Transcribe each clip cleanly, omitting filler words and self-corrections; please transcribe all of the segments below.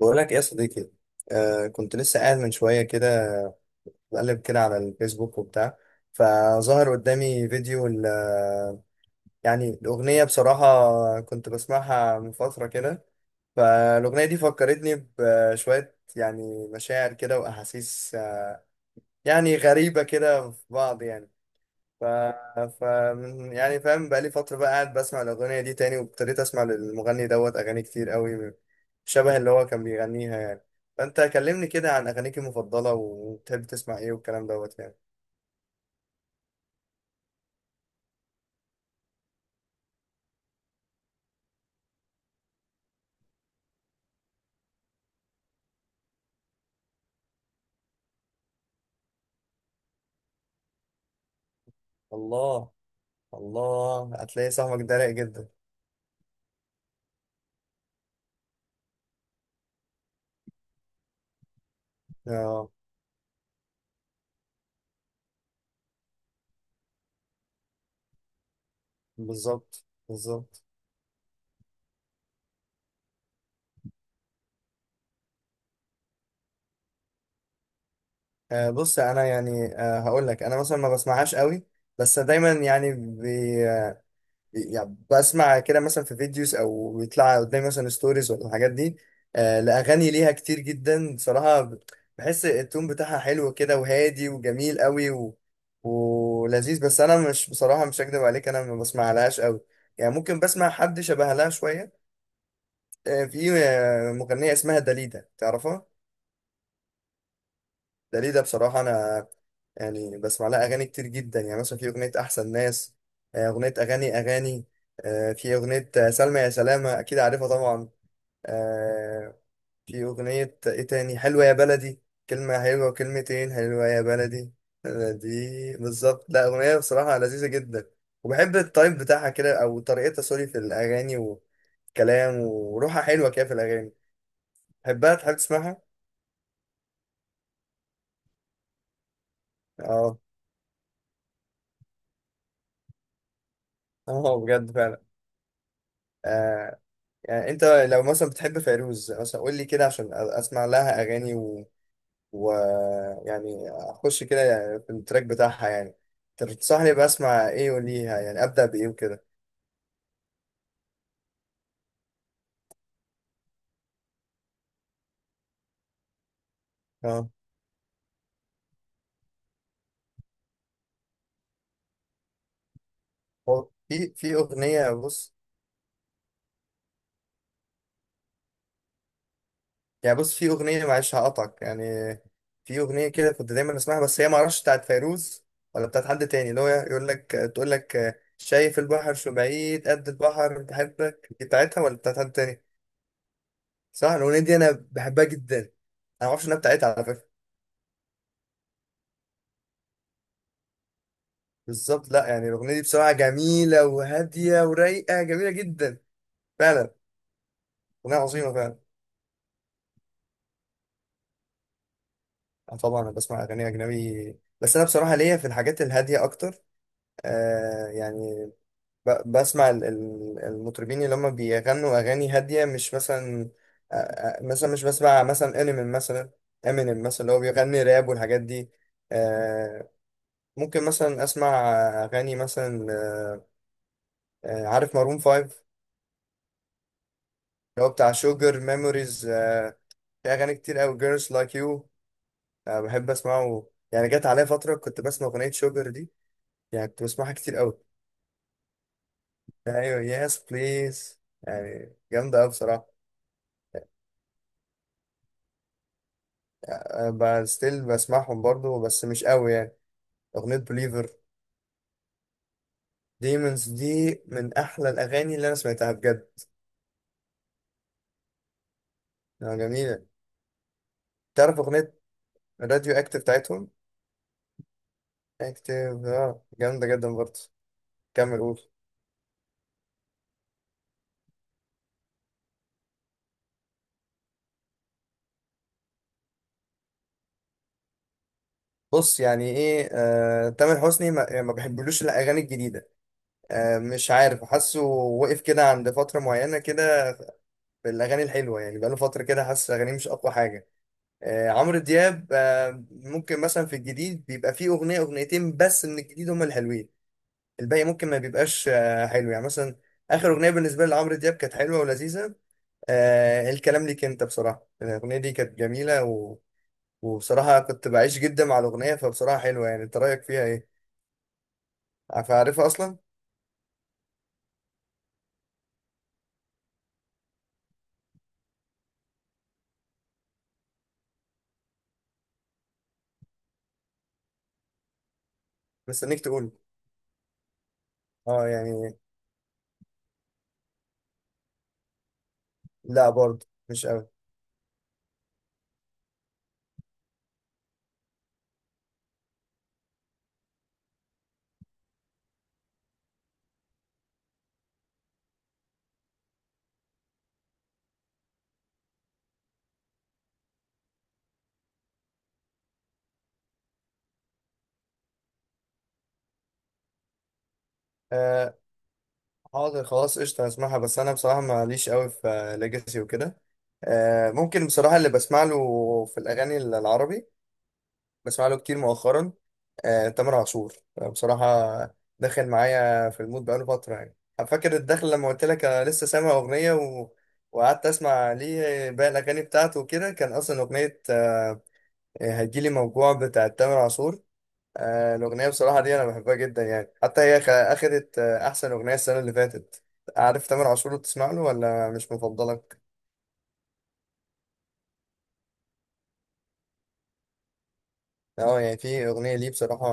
بقول لك ايه يا صديقي. كنت لسه قاعد من شويه كده، بقلب كده على الفيسبوك وبتاع. فظهر قدامي فيديو يعني الاغنيه، بصراحه كنت بسمعها من فتره كده. فالاغنيه دي فكرتني بشويه، يعني مشاعر كده واحاسيس يعني غريبه كده في بعض يعني. ف... ف يعني فاهم، بقالي فترة بقى قاعد بسمع الأغنية دي تاني، وابتديت أسمع للمغني دوت أغاني كتير قوي، شبه اللي هو كان بيغنيها يعني. فأنت كلمني كده عن أغانيك المفضلة وبتحب تسمع إيه والكلام دوت يعني. الله. الله، هتلاقي صاحبك ده رايق جدا. اه، بالظبط بالظبط. بص أنا يعني، هقول لك أنا مثلا ما بسمعهاش قوي. بس دايما يعني، يعني بسمع كده مثلا في فيديوز او بيطلع قدامي مثلا ستوريز ولا الحاجات دي. لاغاني ليها كتير جدا بصراحه، بحس التون بتاعها حلو كده وهادي وجميل قوي ولذيذ. بس انا مش بصراحه، مش هكدب عليك، انا ما بسمعلهاش قوي. يعني ممكن بسمع حد شبه لها شويه. في مغنيه اسمها داليدا، تعرفها؟ ده ليه ده بصراحة أنا، يعني بسمع لها أغاني كتير جدا، يعني مثلا في أغنية أحسن ناس. أغنية أغاني أغاني. في أغنية، سلمى يا سلامة، أكيد عارفها طبعا. آه، في أغنية إيه تاني، حلوة يا بلدي. كلمة حلوة وكلمتين، حلوة يا بلدي. دي بالظبط، لا أغنية بصراحة لذيذة جدا. وبحب التايب بتاعها كده، أو طريقتها، سوري، في الأغاني، والكلام وروحها حلوة كده في الأغاني. بحبها، تحب تسمعها؟ اه. اه، بجد فعلا. آه، يعني انت لو مثلا بتحب فيروز مثلا، قول لي كده عشان اسمع لها اغاني و... يعني اخش كده، يعني في التراك بتاعها يعني، تنصحني بسمع ايه وليها، يعني ابدا بايه وكده؟ اه. هو في اغنيه، بص يعني، بص، في اغنيه، معلش هقطعك يعني. في اغنيه كده كنت دايما اسمعها، بس هي ما اعرفش بتاعت فيروز ولا بتاعت حد تاني، اللي هو يقول لك تقول لك شايف البحر شو بعيد قد البحر بحبك، دي بتاعتها ولا بتاعت حد تاني؟ صح، الاغنيه دي انا بحبها جدا، انا ما اعرفش انها بتاعتها على فكره. بالظبط، لا يعني الاغنيه دي بصراحه جميله وهاديه ورايقه، جميله جدا. فعلا، اغنيه عظيمه فعلا. طبعا انا بسمع اغاني اجنبي، بس انا بصراحه ليا في الحاجات الهاديه اكتر. آه يعني بسمع المطربين اللي هم بيغنوا اغاني هاديه، مش مثلا، مثلا مش بسمع مثلا انمي مثلا، امينيم مثلا اللي هو بيغني راب والحاجات دي. آه ممكن مثلا اسمع اغاني مثلا، عارف مارون فايف، اللي هو بتاع شوجر ميموريز. في اغاني كتير قوي، جيرلز لايك يو، بحب اسمعه. يعني جت عليا فتره كنت بسمع اغنيه شوجر دي، يعني كنت بسمعها كتير قوي. ايوه، يس بليز، يعني جامده قوي بصراحه. ستيل بسمعهم برضو بس مش قوي يعني. اغنيه بليفر، ديمونز دي من احلى الاغاني اللي انا سمعتها بجد. جميله. تعرف اغنيه راديو اكتف بتاعتهم؟ اكتف، اه، جامده جدا برضه. كمل قول. بص يعني ايه، تامر حسني ما, يعني ما بحبلوش الاغاني الجديده. مش عارف، حاسه وقف كده عند فتره معينه كده بالاغاني الحلوه، يعني بقاله فتره كده حاسس اغانيه مش اقوى حاجه. عمرو دياب، ممكن مثلا في الجديد بيبقى فيه اغنيه اغنيتين بس من الجديد هم الحلوين، الباقي ممكن ما بيبقاش حلو يعني. مثلا اخر اغنيه بالنسبه لي لعمرو دياب كانت حلوه ولذيذه. الكلام ليك انت بصراحه الاغنيه دي كانت جميله، وبصراحه كنت بعيش جدا مع الاغنيه، فبصراحه حلوه، يعني انت رايك فيها ايه؟ عارفها اصلا؟ مستنيك تقول. اه يعني، لا برضه مش قوي. آه حاضر خلاص قشطه هسمعها، بس انا بصراحه ماليش قوي في ليجاسي وكده. ممكن بصراحه اللي بسمع له في الاغاني العربي، بسمع له كتير مؤخرا. تامر عاشور. بصراحه داخل معايا في المود بقاله فتره، يعني فاكر الدخل لما قلت لك انا لسه سامع اغنيه وقعدت اسمع ليه باقي الاغاني بتاعته وكده، كان اصلا اغنيه هتجيلي موجوع بتاعت تامر عاشور. الأغنية بصراحة دي أنا بحبها جدا يعني، حتى هي أخدت أحسن أغنية السنة اللي فاتت. عارف تامر عاشور، بتسمع له ولا مش مفضلك؟ أه يعني، في أغنية ليه بصراحة،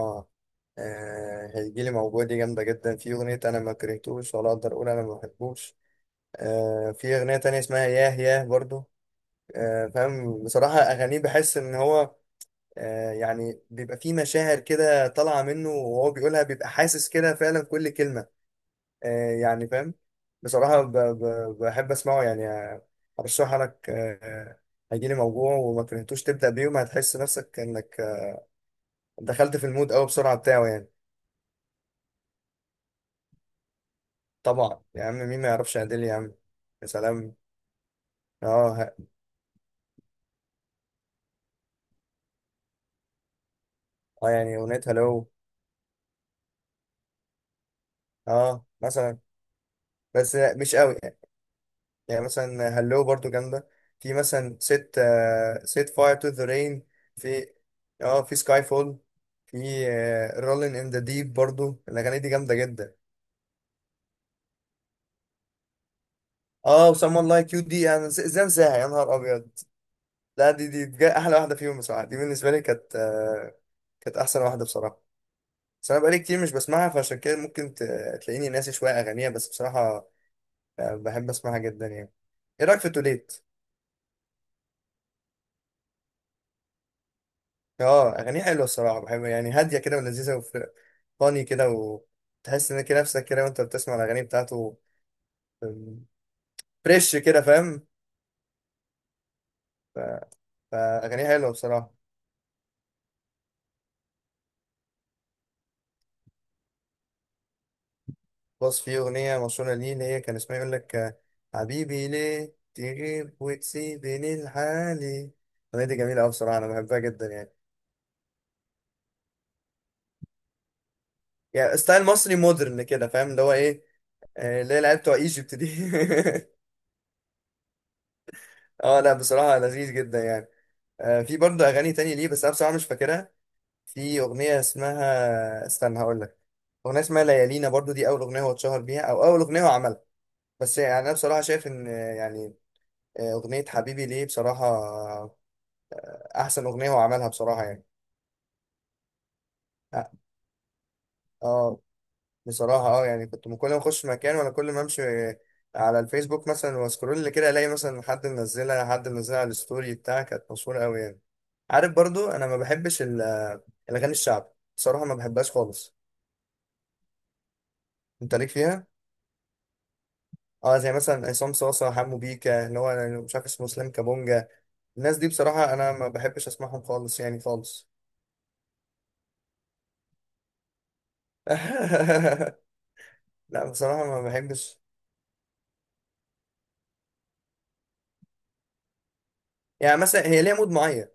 هيجيلي موجوع، دي جامدة جدا. في أغنية أنا ما كرهتوش، ولا أقدر أقول أنا ما بحبوش. في أغنية تانية اسمها ياه ياه برضو. فاهم، بصراحة أغانيه بحس إن هو، يعني بيبقى فيه مشاعر كده طالعة منه، وهو بيقولها بيبقى حاسس كده فعلا كل كلمة. يعني فاهم. بصراحة بحب أسمعه يعني. أرشحها لك. هيجيلي موجوع وما كرهتوش، تبدأ بيهم هتحس نفسك إنك دخلت في المود أوي بسرعة بتاعه يعني. طبعا يا عم، مين ما يعرفش عادل يا عم؟ يا سلام. اه ه- اه يعني أغنية هلو، اه مثلا، بس مش قوي يعني. يعني مثلا هلو برضو جامدة. في مثلا ست فاير تو ذا رين، في، اه، في سكاي فول، في رولين ان ذا ديب، برضو الأغاني دي جامدة جدا. اه، وسام لايك كيو دي، انا ازاي انساها يا نهار ابيض. لا، دي بجد احلى واحده فيهم بصراحه، دي بالنسبه لي كانت، كانت احسن واحده بصراحه. بس انا بقالي كتير مش بسمعها، فعشان كده ممكن تلاقيني ناسي شويه اغانيها، بس بصراحه بحب اسمعها جدا يعني. ايه رايك في توليت؟ اه اغانيها حلوه الصراحه، بحب يعني هاديه كده ولذيذه، وفاني كده، وتحس ان كده نفسك كده وانت بتسمع الاغاني بتاعته، فريش كده، فاهم؟ ف- فاغانيها حلوه بصراحه. بص في أغنية مشهورة ليه، اللي هي كان اسمها يقول لك، حبيبي ليه تغيب وتسيبني لحالي. الأغنية دي جميلة أوي بصراحة، أنا بحبها جدا يعني. يعني ستايل مصري مودرن كده، فاهم، اللي هو إيه، اللي هي العيال بتوع ايجيبت دي. اه لا بصراحة لذيذ جدا يعني. في برضه أغاني تانية ليه، بس أنا بصراحة مش فاكرها. في أغنية اسمها استنى، هقول لك أغنية اسمها ليالينا برضه، دي أول أغنية هو اتشهر بيها، أو أول أغنية هو عملها. بس يعني أنا بصراحة شايف إن، أغنية حبيبي ليه بصراحة احسن اغنيه هو عملها بصراحه يعني. اه. آه، بصراحه اه يعني كنت من كل ما اخش مكان، ولا كل ما امشي على الفيسبوك مثلا واسكرول كده، الاقي مثلا حد منزلها على الستوري بتاعها، كانت مشهوره قوي يعني. عارف برضو انا ما بحبش الاغاني الشعب، بصراحه ما بحبهاش خالص. انت ليك فيها؟ اه، زي مثلا عصام صاصا، حمو بيكا، اللي هو أنا مش عارف اسمه، اسلام كابونجا. الناس دي بصراحه انا ما بحبش اسمعهم خالص، يعني خالص. لا بصراحه ما بحبش. يعني مثلا هي ليها مود معين.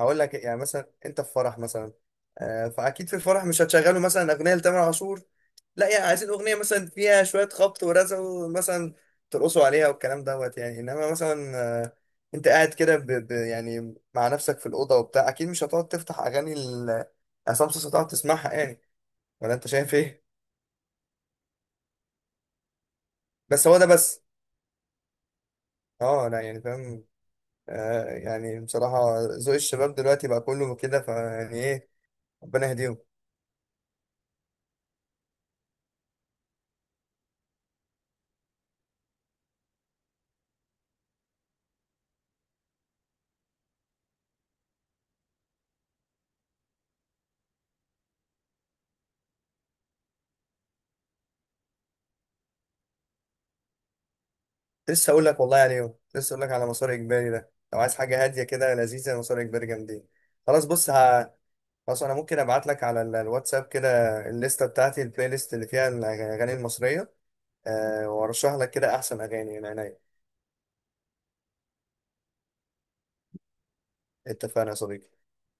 هقول لك يعني، مثلا انت في فرح مثلا، فاكيد في الفرح مش هتشغلوا مثلا اغنيه لتامر عاشور. لا، يعني عايزين اغنيه مثلا فيها شويه خبط ورزع، ومثلا ترقصوا عليها والكلام دوت يعني. انما مثلا، آه، انت قاعد كده، يعني مع نفسك في الاوضه وبتاع، اكيد مش هتقعد تفتح اغاني عصام صاصا تقعد تسمعها يعني، ولا انت شايف ايه؟ بس هو ده بس. اه لا يعني فاهم. يعني بصراحه ذوق الشباب دلوقتي بقى كله كده، فيعني ايه، ربنا يهديهم. لسه اقول لك والله يعني يوم. لسه اقول لك على مسار اجباري ده، لو عايز حاجه هاديه كده لذيذه، مسار اجباري جامدين. خلاص، بص، خلاص انا ممكن ابعت لك على الواتساب كده الليسته بتاعتي، البلاي ليست اللي فيها الاغاني المصريه. أه وارشح لك كده احسن اغاني من عينيا. اتفقنا يا صديقي.